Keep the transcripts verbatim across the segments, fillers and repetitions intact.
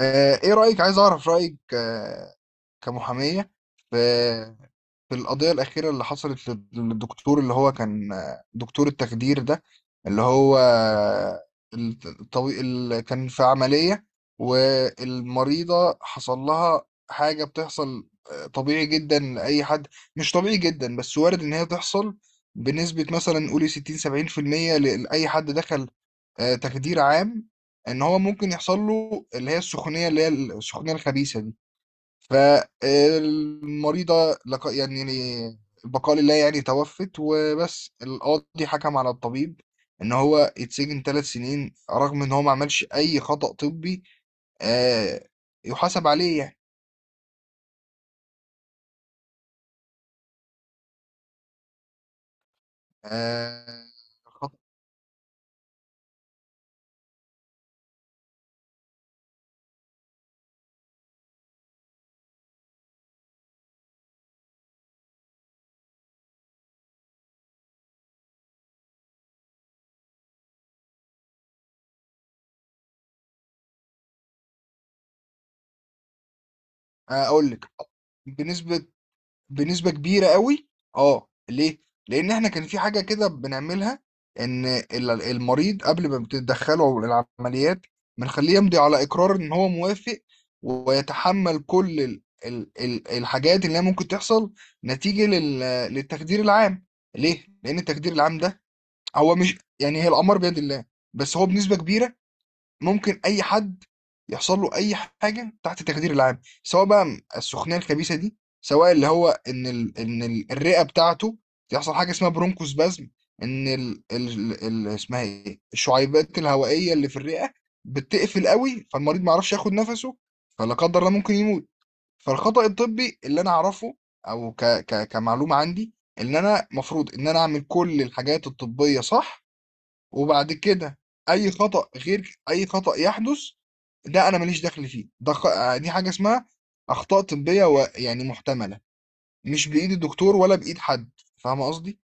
آه، ايه رأيك عايز اعرف رأيك، آه، كمحامية في في القضية الأخيرة اللي حصلت لل- للدكتور اللي هو كان آه، دكتور التخدير ده اللي هو الطوي... اللي كان في عملية، والمريضة حصل لها حاجة بتحصل، آه، طبيعي جدا لأي حد، مش طبيعي جدا بس وارد إن هي تحصل بنسبة مثلا قولي ستين سبعين في المية لأي حد دخل آه، تخدير عام، ان هو ممكن يحصل له اللي هي السخونيه اللي هي السخونيه الخبيثه دي. فالمريضه لق- يعني يعني البقاء لله، يعني توفت. وبس القاضي حكم على الطبيب ان هو يتسجن ثلاث سنين، رغم ان هو ما عملش اي خطأ طبي آه، يحاسب عليه يعني. آه، خطأ- آه، اقول لك، بنسبة بنسبة كبيرة قوي. اه، ليه؟ لأن احنا كان في حاجة كده بنعملها، إن ال- المريض قبل ما بتدخله العمليات بنخليه يمضي على إقرار إن هو موافق ويتحمل كل ال ال ال الحاجات اللي هي ممكن تحصل نتيجة لل للتخدير العام. ليه؟ لأن التخدير العام ده هو مش، يعني هي الأمر بيد الله، بس هو بنسبة كبيرة ممكن اي حد يحصل له اي حاجه تحت التخدير العام، سواء بقى السخونيه الخبيثه دي، سواء اللي هو ان ال... ان ال- الرئه بتاعته يحصل حاجه اسمها برونكوسبازم. ان ال... ال... ال... اسمها ايه، الشعيبات الهوائيه اللي في الرئه بتقفل قوي، فالمريض ما يعرفش ياخد نفسه، فلا قدر الله ممكن يموت. فالخطأ الطبي اللي انا اعرفه، او ك... ك... كمعلومه عندي، ان انا مفروض ان انا اعمل كل الحاجات الطبيه صح، وبعد كده اي خطأ، غير اي خطأ يحدث ده انا ماليش دخل فيه، ده خ... آه، دي حاجة اسمها اخطاء طبية و... يعني محتملة، مش بايد الدكتور ولا بايد حد. فاهمة قصدي؟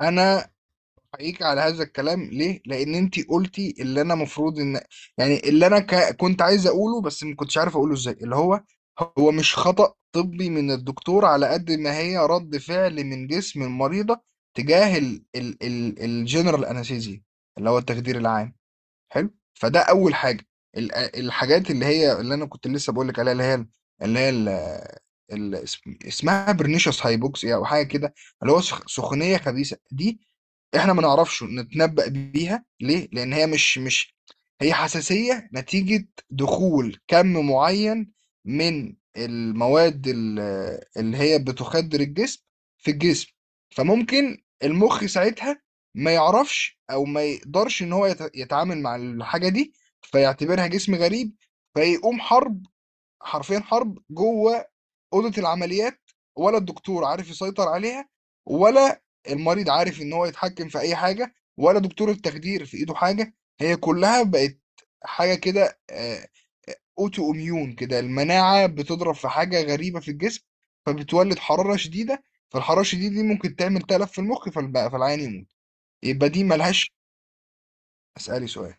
انا حقيقي على هذا الكلام، ليه لان انتي قلتي اللي انا مفروض ان، يعني اللي انا ك... كنت عايز اقوله بس ما كنتش عارف اقوله ازاي، اللي هو هو مش خطأ طبي من الدكتور على قد ما هي رد فعل من جسم المريضة تجاه الجنرال انستيزيا اللي هو التخدير العام. حلو، فده اول حاجه. ال- الحاجات اللي هي اللي انا كنت لسه بقول لك عليها، اللي هي اللي هي ال- ال- اسم- اسمها برنيشس هايبوكسيا او حاجه كده، اللي هو سخ- سخونيه خبيثه دي، احنا ما نعرفش نتنبأ بيها. ليه لان هي مش مش هي حساسيه نتيجه دخول كم معين من المواد ال- اللي هي بتخدر الجسم في الجسم. فممكن المخ ساعتها ما يعرفش او ما يقدرش ان هو يت- يتعامل مع الحاجه دي، فيعتبرها جسم غريب، فيقوم حرب، حرفيا حرب جوه اوضه العمليات، ولا الدكتور عارف يسيطر عليها، ولا المريض عارف ان هو يتحكم في اي حاجه، ولا دكتور التخدير في ايده حاجه. هي كلها بقت حاجه كده اوتو اميون كده، المناعه بتضرب في حاجه غريبه في الجسم، فبتولد حراره شديده، فالحراره الشديده دي ممكن تعمل تلف في المخ فالب- فالعيان يموت. يبقى دي ملهاش. اسالي سؤال.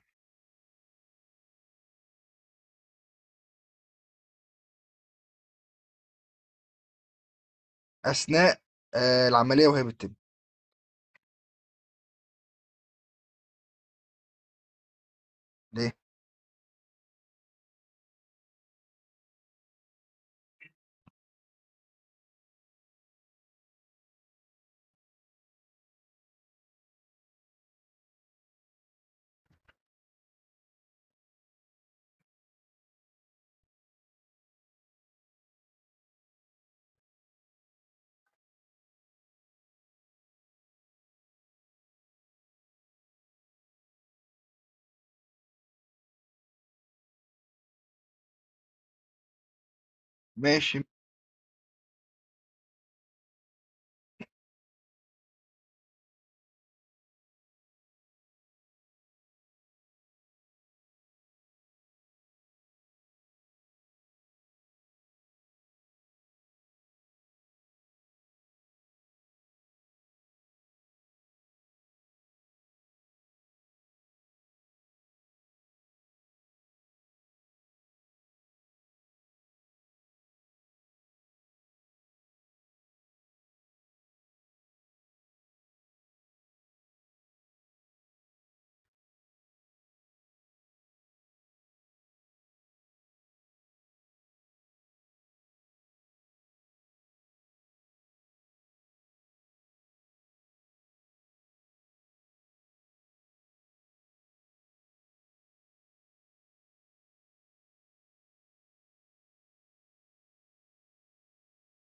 اثناء آه العمليه وهي بتتم. ليه؟ ماشي.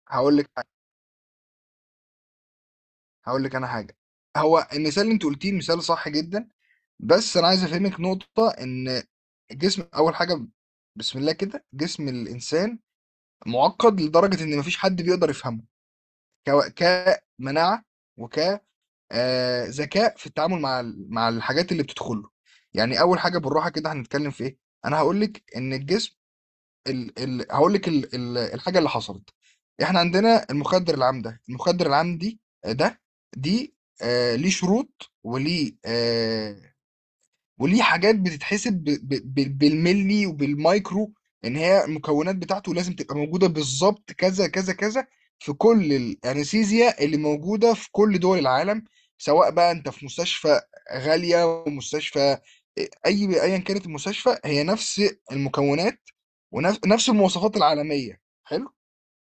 هقول لك هقول لك انا حاجه. هو المثال اللي انت قلتيه مثال صح جدا، بس انا عايز افهمك نقطه، ان الجسم اول حاجه، بسم الله كده، جسم الانسان معقد لدرجه ان مفيش حد بيقدر يفهمه، كو- كمناعه، وك آه، ذكاء في التعامل مع ال- مع الحاجات اللي بتدخله. يعني اول حاجه بالراحه كده، هنتكلم في ايه؟ انا هقول لك ان الجسم، ال ال هقول لك ال ال الحاجه اللي حصلت. احنا عندنا المخدر العام ده، المخدر العام دي ده دي، آه ليه شروط، وليه آه وليه حاجات بتتحسب ب- ب- ب- بالملي وبالمايكرو، ان هي المكونات بتاعته لازم تبقى موجوده بالظبط كذا كذا كذا في كل الانستيزيا اللي موجوده في كل دول العالم، سواء بقى انت في مستشفى غاليه ومستشفى، اي ايا كانت المستشفى هي نفس المكونات، ونفس نفس المواصفات العالميه. حلو،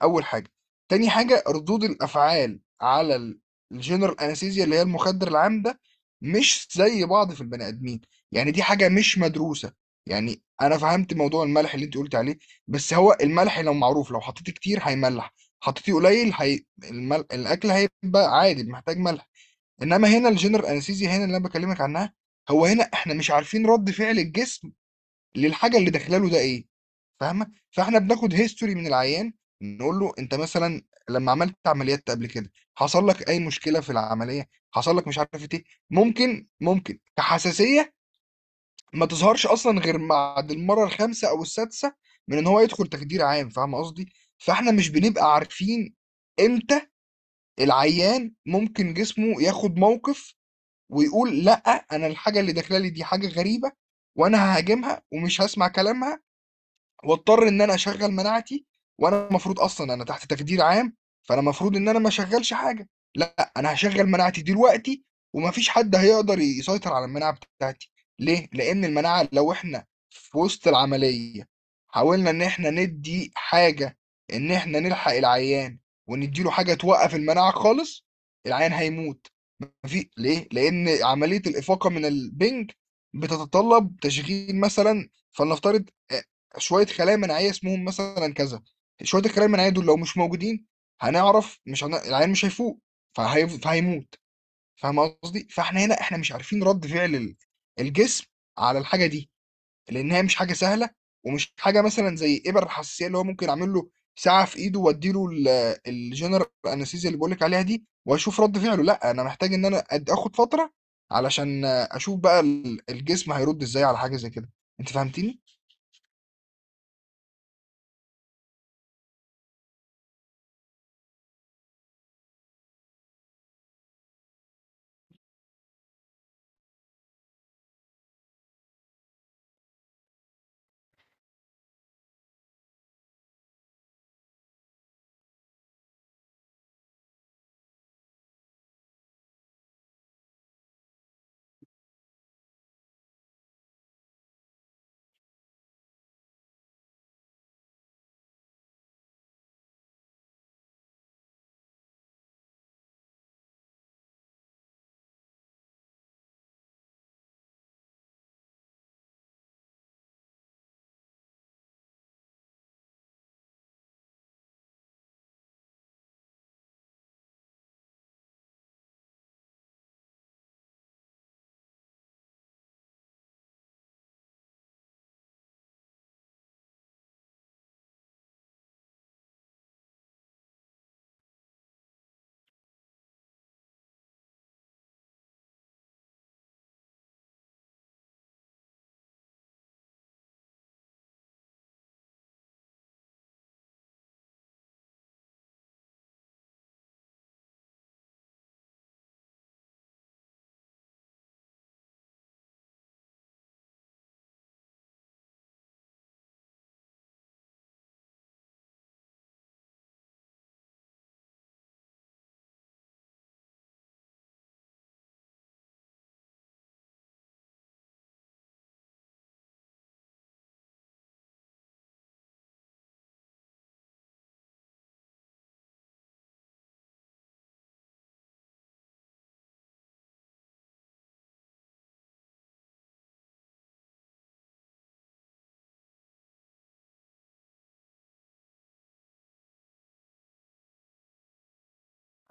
أول حاجة. تاني حاجة، ردود الأفعال على الجنرال أنستيزيا اللي هي المخدر العام ده مش زي بعض في البني آدمين، يعني دي حاجة مش مدروسة. يعني أنا فهمت موضوع الملح اللي أنت قلت عليه، بس هو الملح لو معروف، لو حطيتيه كتير هيملح، حطيتيه قليل هي... المل... الأكل هيبقى عادي محتاج ملح. إنما هنا الجنرال أنستيزيا، هنا اللي أنا بكلمك عنها، هو هنا إحنا مش عارفين رد فعل الجسم للحاجه اللي داخله له ده ايه. فاهمه؟ فاحنا بناخد هيستوري من العيان، نقول له انت مثلا لما عملت عمليات قبل كده حصل لك اي مشكله في العمليه، حصل لك مش عارف ايه. ممكن ممكن كحساسيه ما تظهرش اصلا غير بعد المره الخامسه او السادسه من ان هو يدخل تخدير عام. فاهم قصدي؟ فاحنا مش بنبقى عارفين امتى العيان ممكن جسمه ياخد موقف ويقول لا، انا الحاجه اللي داخله لي دي حاجه غريبه وانا ههاجمها ومش هسمع كلامها، واضطر ان انا اشغل مناعتي، وانا المفروض اصلا انا تحت تخدير عام، فانا المفروض ان انا ما اشغلش حاجه. لا، انا هشغل مناعتي دلوقتي، ومفيش حد هيقدر يسيطر على المناعه بتاعتي. ليه؟ لان المناعه لو احنا في وسط العمليه حاولنا ان احنا ندي حاجه، ان احنا نلحق العيان ونديله حاجه توقف المناعه خالص، العيان هيموت. مفي... ليه؟ لان عمليه الافاقه من البنج بتتطلب تشغيل مثلا، فلنفترض، شويه خلايا مناعيه اسمهم مثلا كذا. شويه الخلايا المناعيه دول لو مش موجودين هنعرف مش هن... العيان مش هيفوق، فهي... فهيموت. فاهم قصدي؟ فاحنا هنا احنا مش عارفين رد فعل ال- الجسم على الحاجه دي، لان هي مش حاجه سهله، ومش حاجه مثلا زي ابر الحساسيه اللي هو ممكن اعمل له ساعه في ايده واديله ال- الجنرال انستيزيا اللي بقولك عليها دي واشوف رد فعله. لا، انا محتاج ان انا أد- اخد فتره علشان اشوف بقى ال- الجسم هيرد ازاي على حاجه زي كده. انت فهمتني؟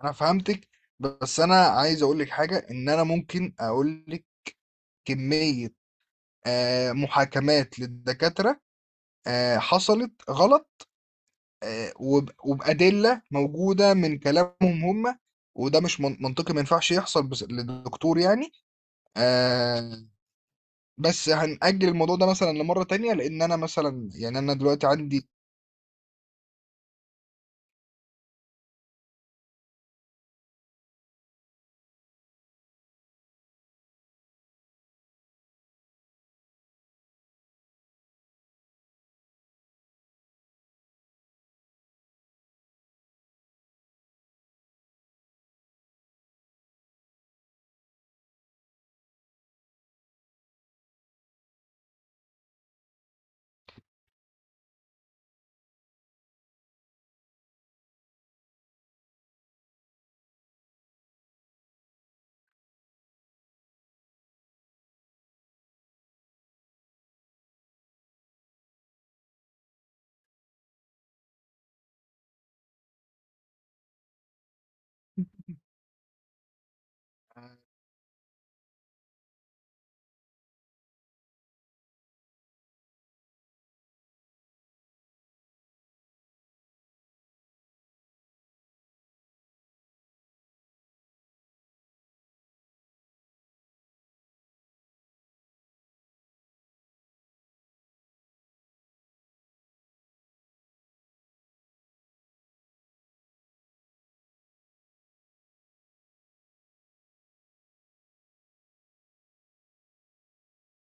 انا فهمتك، بس انا عايز اقول لك حاجه، ان انا ممكن اقول لك كميه آه، محاكمات للدكاتره آه، حصلت غلط، آه، وب- وبادله موجوده من كلامهم هم، وده مش من- منطقي، ما ينفعش يحصل بس للدكتور يعني. آه، بس هنأجل الموضوع ده مثلا لمره تانية، لان انا مثلا يعني انا دلوقتي عندي.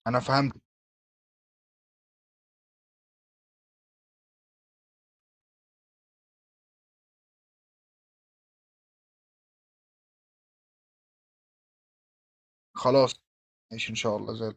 انا فهمت. خلاص، ماشي ان شاء الله زي